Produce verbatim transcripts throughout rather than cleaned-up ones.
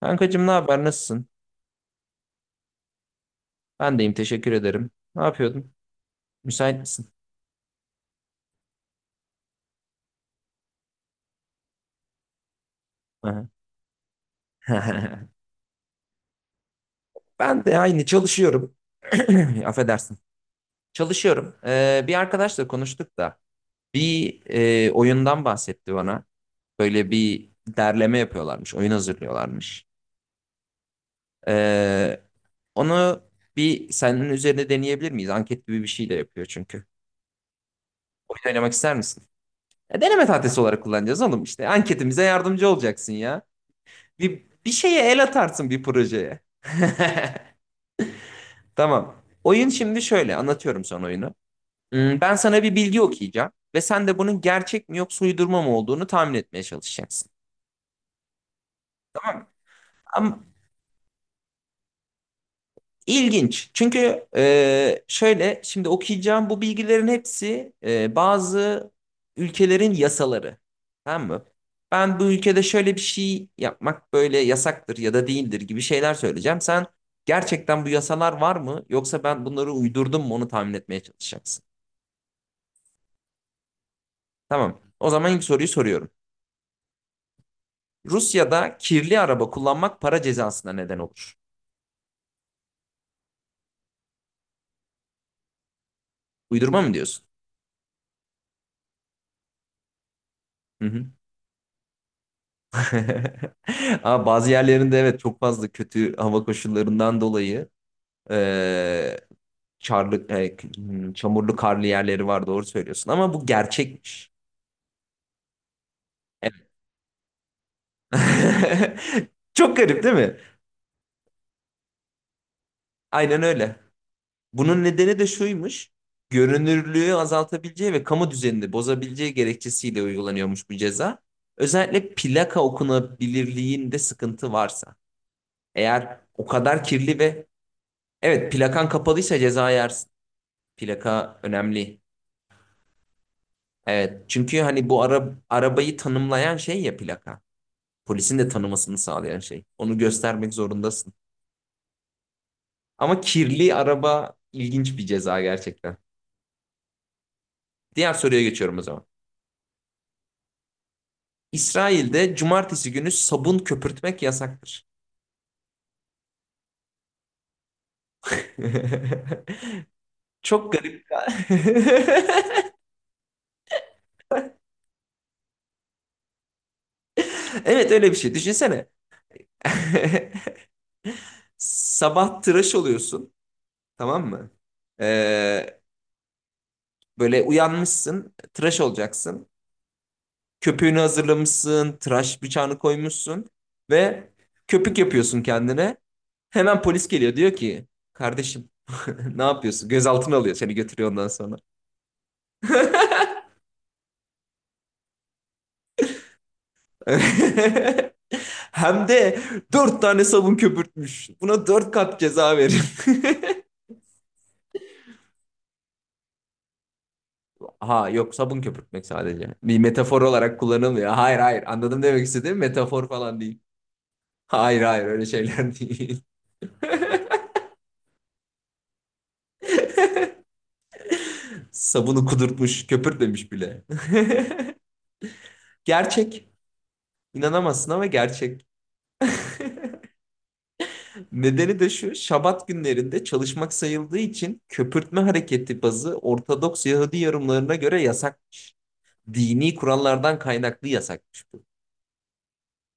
Kankacığım ne haber? Nasılsın? Ben deyim teşekkür ederim. Ne yapıyordun? Müsait misin? Aha. Ben de aynı çalışıyorum. Affedersin. Çalışıyorum. Ee, bir arkadaşla konuştuk da bir e, oyundan bahsetti bana. Böyle bir derleme yapıyorlarmış. Oyun hazırlıyorlarmış. Ee, Onu bir senin üzerine deneyebilir miyiz? Anket gibi bir şey de yapıyor çünkü. Oyun oynamak ister misin? E, deneme tahtası olarak kullanacağız oğlum işte. Anketimize yardımcı olacaksın ya. Bir, bir şeye el atarsın bir projeye. Tamam. Oyun şimdi şöyle anlatıyorum sana oyunu. Hmm, Ben sana bir bilgi okuyacağım ve sen de bunun gerçek mi yoksa uydurma mı olduğunu tahmin etmeye çalışacaksın. Ama İlginç. Çünkü e, şöyle şimdi okuyacağım, bu bilgilerin hepsi e, bazı ülkelerin yasaları. Tamam mı? Ben bu ülkede şöyle bir şey yapmak böyle yasaktır ya da değildir gibi şeyler söyleyeceğim. Sen gerçekten bu yasalar var mı yoksa ben bunları uydurdum mu onu tahmin etmeye çalışacaksın. Tamam. O zaman ilk soruyu soruyorum. Rusya'da kirli araba kullanmak para cezasına neden olur. Uydurma mı diyorsun? Hı hı. Ama bazı yerlerinde, evet, çok fazla kötü hava koşullarından dolayı e, çarlı, e, hmm, çamurlu karlı yerleri var, doğru söylüyorsun. Ama bu gerçekmiş. Evet. Çok garip değil mi? Aynen öyle. Bunun nedeni de şuymuş. Görünürlüğü azaltabileceği ve kamu düzenini bozabileceği gerekçesiyle uygulanıyormuş bu ceza. Özellikle plaka okunabilirliğinde sıkıntı varsa. Eğer o kadar kirli ve, evet, plakan kapalıysa ceza yersin. Plaka önemli. Evet. Çünkü hani bu ara, arabayı tanımlayan şey ya, plaka. Polisin de tanımasını sağlayan şey. Onu göstermek zorundasın. Ama kirli araba ilginç bir ceza gerçekten. Diğer soruya geçiyorum o zaman. İsrail'de cumartesi günü sabun köpürtmek yasaktır. Çok garip. Evet, öyle bir şey. Düşünsene. Sabah tıraş oluyorsun. Tamam mı? Ee, Böyle uyanmışsın. Tıraş olacaksın. Köpüğünü hazırlamışsın, tıraş bıçağını koymuşsun ve köpük yapıyorsun kendine. Hemen polis geliyor, diyor ki kardeşim, ne yapıyorsun? Gözaltına alıyor, seni götürüyor ondan sonra. Hem de dört tane sabun köpürtmüş. Buna dört kat ceza verin. Ha yok, sabun köpürtmek sadece. Bir metafor olarak kullanılmıyor. Hayır hayır, anladım, demek istediğim metafor falan değil. Hayır hayır, öyle şeyler değil. Sabunu kudurtmuş, köpürtmemiş bile. Gerçek. İnanamazsın ama gerçek. Nedeni de şu: Şabat günlerinde çalışmak sayıldığı için köpürtme hareketi bazı Ortodoks Yahudi yorumlarına göre yasakmış. Dini kurallardan kaynaklı yasakmış bu.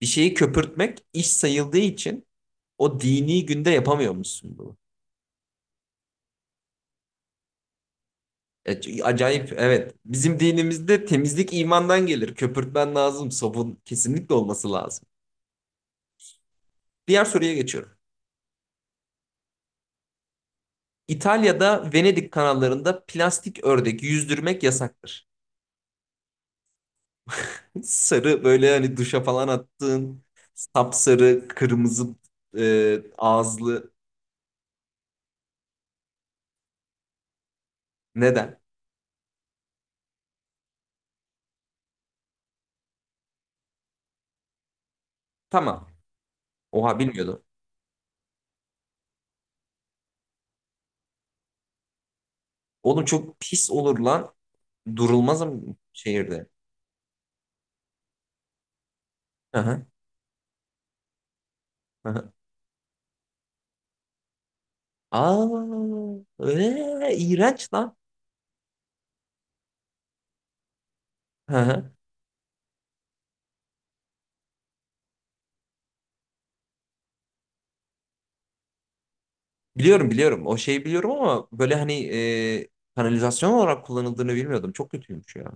Bir şeyi köpürtmek iş sayıldığı için o dini günde yapamıyor musun bunu. E, Acayip, evet. Bizim dinimizde temizlik imandan gelir. Köpürtmen lazım. Sabun kesinlikle olması lazım. Diğer soruya geçiyorum. İtalya'da Venedik kanallarında plastik ördek yüzdürmek yasaktır. Sarı, böyle hani duşa falan attığın, sapsarı, kırmızı e, ağızlı. Neden? Tamam. Oha, bilmiyordum. Oğlum çok pis olur lan. Durulmaz mı şehirde? Aha, aha. Aa, ee, iğrenç lan. Aha. Biliyorum biliyorum. O şeyi biliyorum ama böyle hani e, kanalizasyon olarak kullanıldığını bilmiyordum. Çok kötüymüş ya.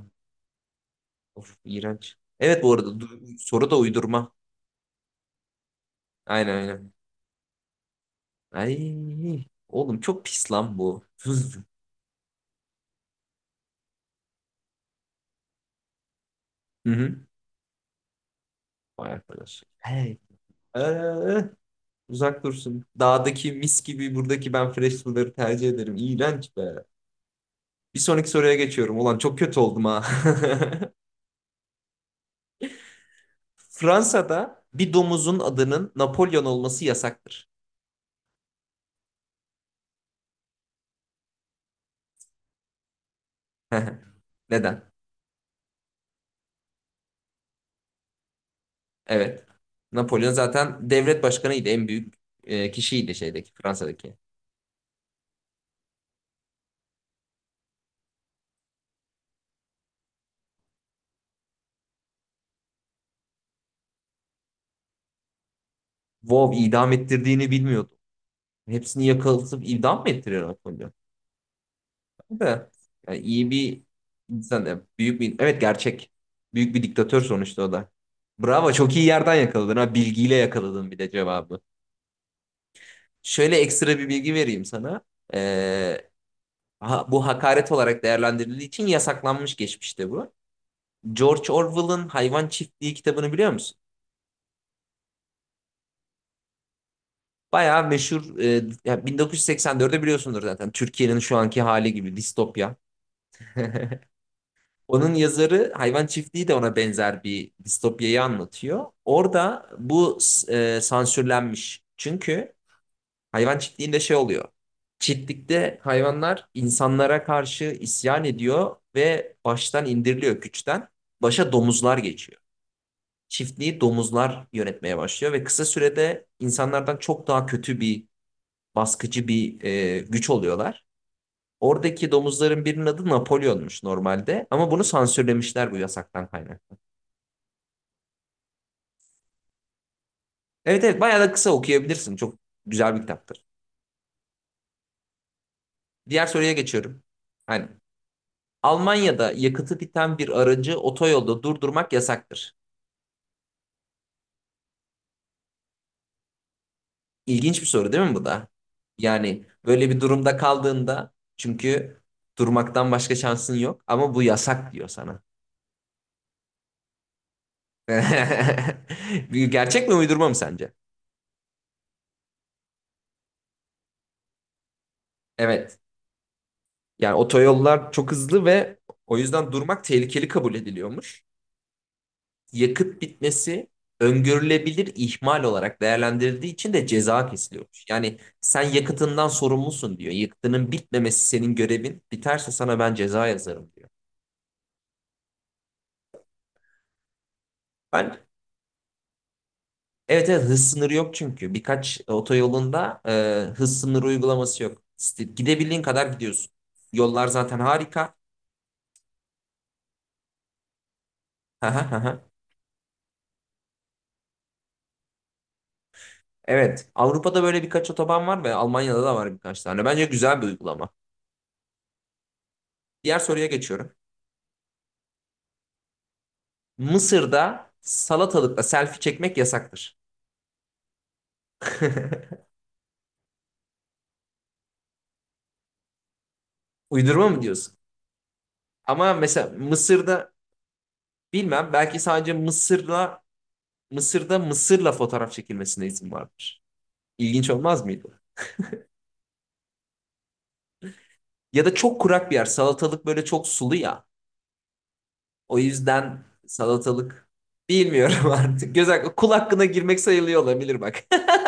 Of, iğrenç. Evet, bu arada du- soru da uydurma. Aynen aynen. Ay oğlum, çok pis lan bu. Hı hı. Vay arkadaş. Hey. Ee, Uzak dursun. Dağdaki mis gibi, buradaki, ben fresh suları tercih ederim. İğrenç be. Bir sonraki soruya geçiyorum. Ulan çok kötü oldum ha. Fransa'da bir domuzun adının Napolyon olması yasaktır. Neden? Evet. Napolyon zaten devlet başkanıydı. En büyük e, kişiydi şeydeki, Fransa'daki. Wow, idam ettirdiğini bilmiyordum. Hepsini yakalatıp idam mı ettiriyor Napolyon? De, Yani iyi bir insan. Yani büyük bir, evet, gerçek. Büyük bir diktatör sonuçta o da. Bravo, çok iyi yerden yakaladın ha. Bilgiyle yakaladın bir de cevabı. Şöyle ekstra bir bilgi vereyim sana. Ee, ha- Bu hakaret olarak değerlendirildiği için yasaklanmış geçmişte bu. George Orwell'ın Hayvan Çiftliği kitabını biliyor musun? Bayağı meşhur. E, ya bin dokuz yüz seksen dörtte biliyorsundur zaten. Türkiye'nin şu anki hali gibi distopya. Onun yazarı. Hayvan Çiftliği de ona benzer bir distopyayı anlatıyor. Orada bu e, sansürlenmiş. Çünkü Hayvan Çiftliği'nde şey oluyor. Çiftlikte hayvanlar insanlara karşı isyan ediyor ve baştan indiriliyor güçten. Başa domuzlar geçiyor. Çiftliği domuzlar yönetmeye başlıyor ve kısa sürede insanlardan çok daha kötü bir, baskıcı bir e, güç oluyorlar. Oradaki domuzların birinin adı Napolyon'muş normalde ama bunu sansürlemişler, bu yasaktan kaynaklı. Evet evet, bayağı da kısa, okuyabilirsin. Çok güzel bir kitaptır. Diğer soruya geçiyorum. Hani Almanya'da yakıtı biten bir aracı otoyolda durdurmak yasaktır. İlginç bir soru değil mi bu da? Yani böyle bir durumda kaldığında, çünkü durmaktan başka şansın yok ama bu yasak diyor sana. Bir Gerçek mi uydurma mı sence? Evet. Yani otoyollar çok hızlı ve o yüzden durmak tehlikeli kabul ediliyormuş. Yakıt bitmesi öngörülebilir ihmal olarak değerlendirildiği için de ceza kesiliyormuş. Yani sen yakıtından sorumlusun diyor. Yakıtının bitmemesi senin görevin. Biterse sana ben ceza yazarım diyor. Ben evet evet, hız sınırı yok çünkü. Birkaç otoyolunda e, hız sınırı uygulaması yok. İşte gidebildiğin kadar gidiyorsun. Yollar zaten harika. Hı hı hı hı. Evet. Avrupa'da böyle birkaç otoban var ve Almanya'da da var birkaç tane. Bence güzel bir uygulama. Diğer soruya geçiyorum. Mısır'da salatalıkla selfie çekmek yasaktır. Uydurma mı diyorsun? Ama mesela Mısır'da, bilmem, belki sadece Mısır'la, Mısır'da Mısır'la fotoğraf çekilmesine izin vardır. İlginç olmaz mıydı? Ya da çok kurak bir yer. Salatalık böyle çok sulu ya. O yüzden salatalık, bilmiyorum artık. Göz hakkı, kul hakkına girmek sayılıyor olabilir bak.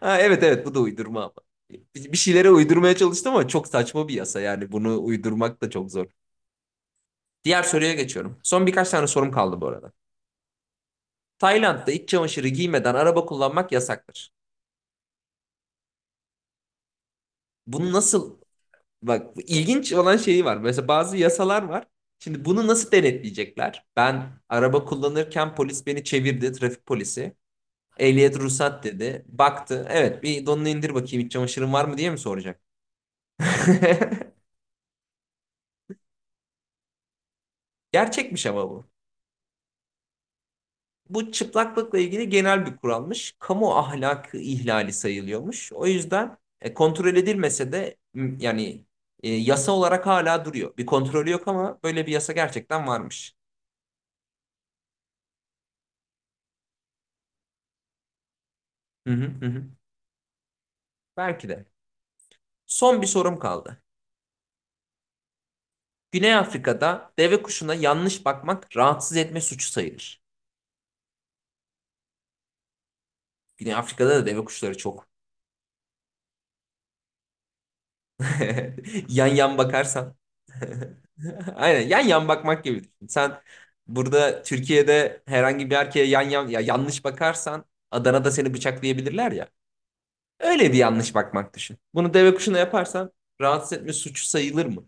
Ha, evet evet, bu da uydurma ama. Bir bir şeylere uydurmaya çalıştım ama çok saçma bir yasa, yani bunu uydurmak da çok zor. Diğer soruya geçiyorum. Son birkaç tane sorum kaldı bu arada. Tayland'da iç çamaşırı giymeden araba kullanmak yasaktır. Bunu nasıl... Bak, ilginç olan şeyi var. Mesela bazı yasalar var. Şimdi bunu nasıl denetleyecekler? Ben araba kullanırken polis beni çevirdi, trafik polisi. Ehliyet ruhsat dedi. Baktı. Evet, bir donunu indir bakayım iç çamaşırın var mı diye mi soracak? Gerçekmiş ama bu. Bu çıplaklıkla ilgili genel bir kuralmış. Kamu ahlakı ihlali sayılıyormuş. O yüzden e, kontrol edilmese de yani e, yasa olarak hala duruyor. Bir kontrolü yok ama böyle bir yasa gerçekten varmış. Hı hı. Hı. Belki de. Son bir sorum kaldı. Güney Afrika'da deve kuşuna yanlış bakmak rahatsız etme suçu sayılır. Güney Afrika'da da deve kuşları çok. Yan yan bakarsan. Aynen, yan yan bakmak gibi düşün. Sen burada Türkiye'de herhangi bir erkeğe yan yan ya yanlış bakarsan Adana'da seni bıçaklayabilirler ya. Öyle bir yanlış bakmak düşün. Bunu deve kuşuna yaparsan rahatsız etme suçu sayılır mı?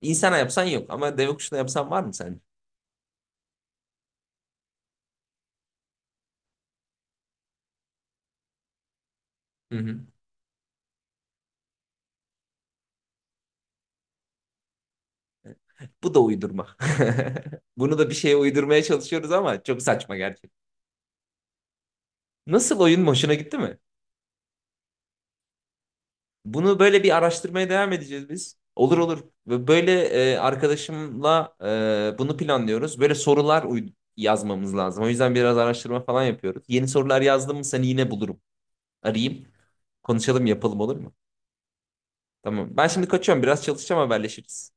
İnsana yapsan yok ama deve kuşuna yapsan var mı sence? Hı hı. Bu da uydurma. Bunu da bir şeye uydurmaya çalışıyoruz ama çok saçma, gerçek. Nasıl, oyun hoşuna gitti mi? Bunu böyle bir araştırmaya devam edeceğiz biz. Olur olur. Ve böyle e, arkadaşımla e, bunu planlıyoruz. Böyle sorular uy- yazmamız lazım. O yüzden biraz araştırma falan yapıyoruz. Yeni sorular yazdım mı seni yine bulurum. Arayayım. Konuşalım, yapalım, olur mu? Tamam. Ben şimdi kaçıyorum. Biraz çalışacağım, haberleşiriz.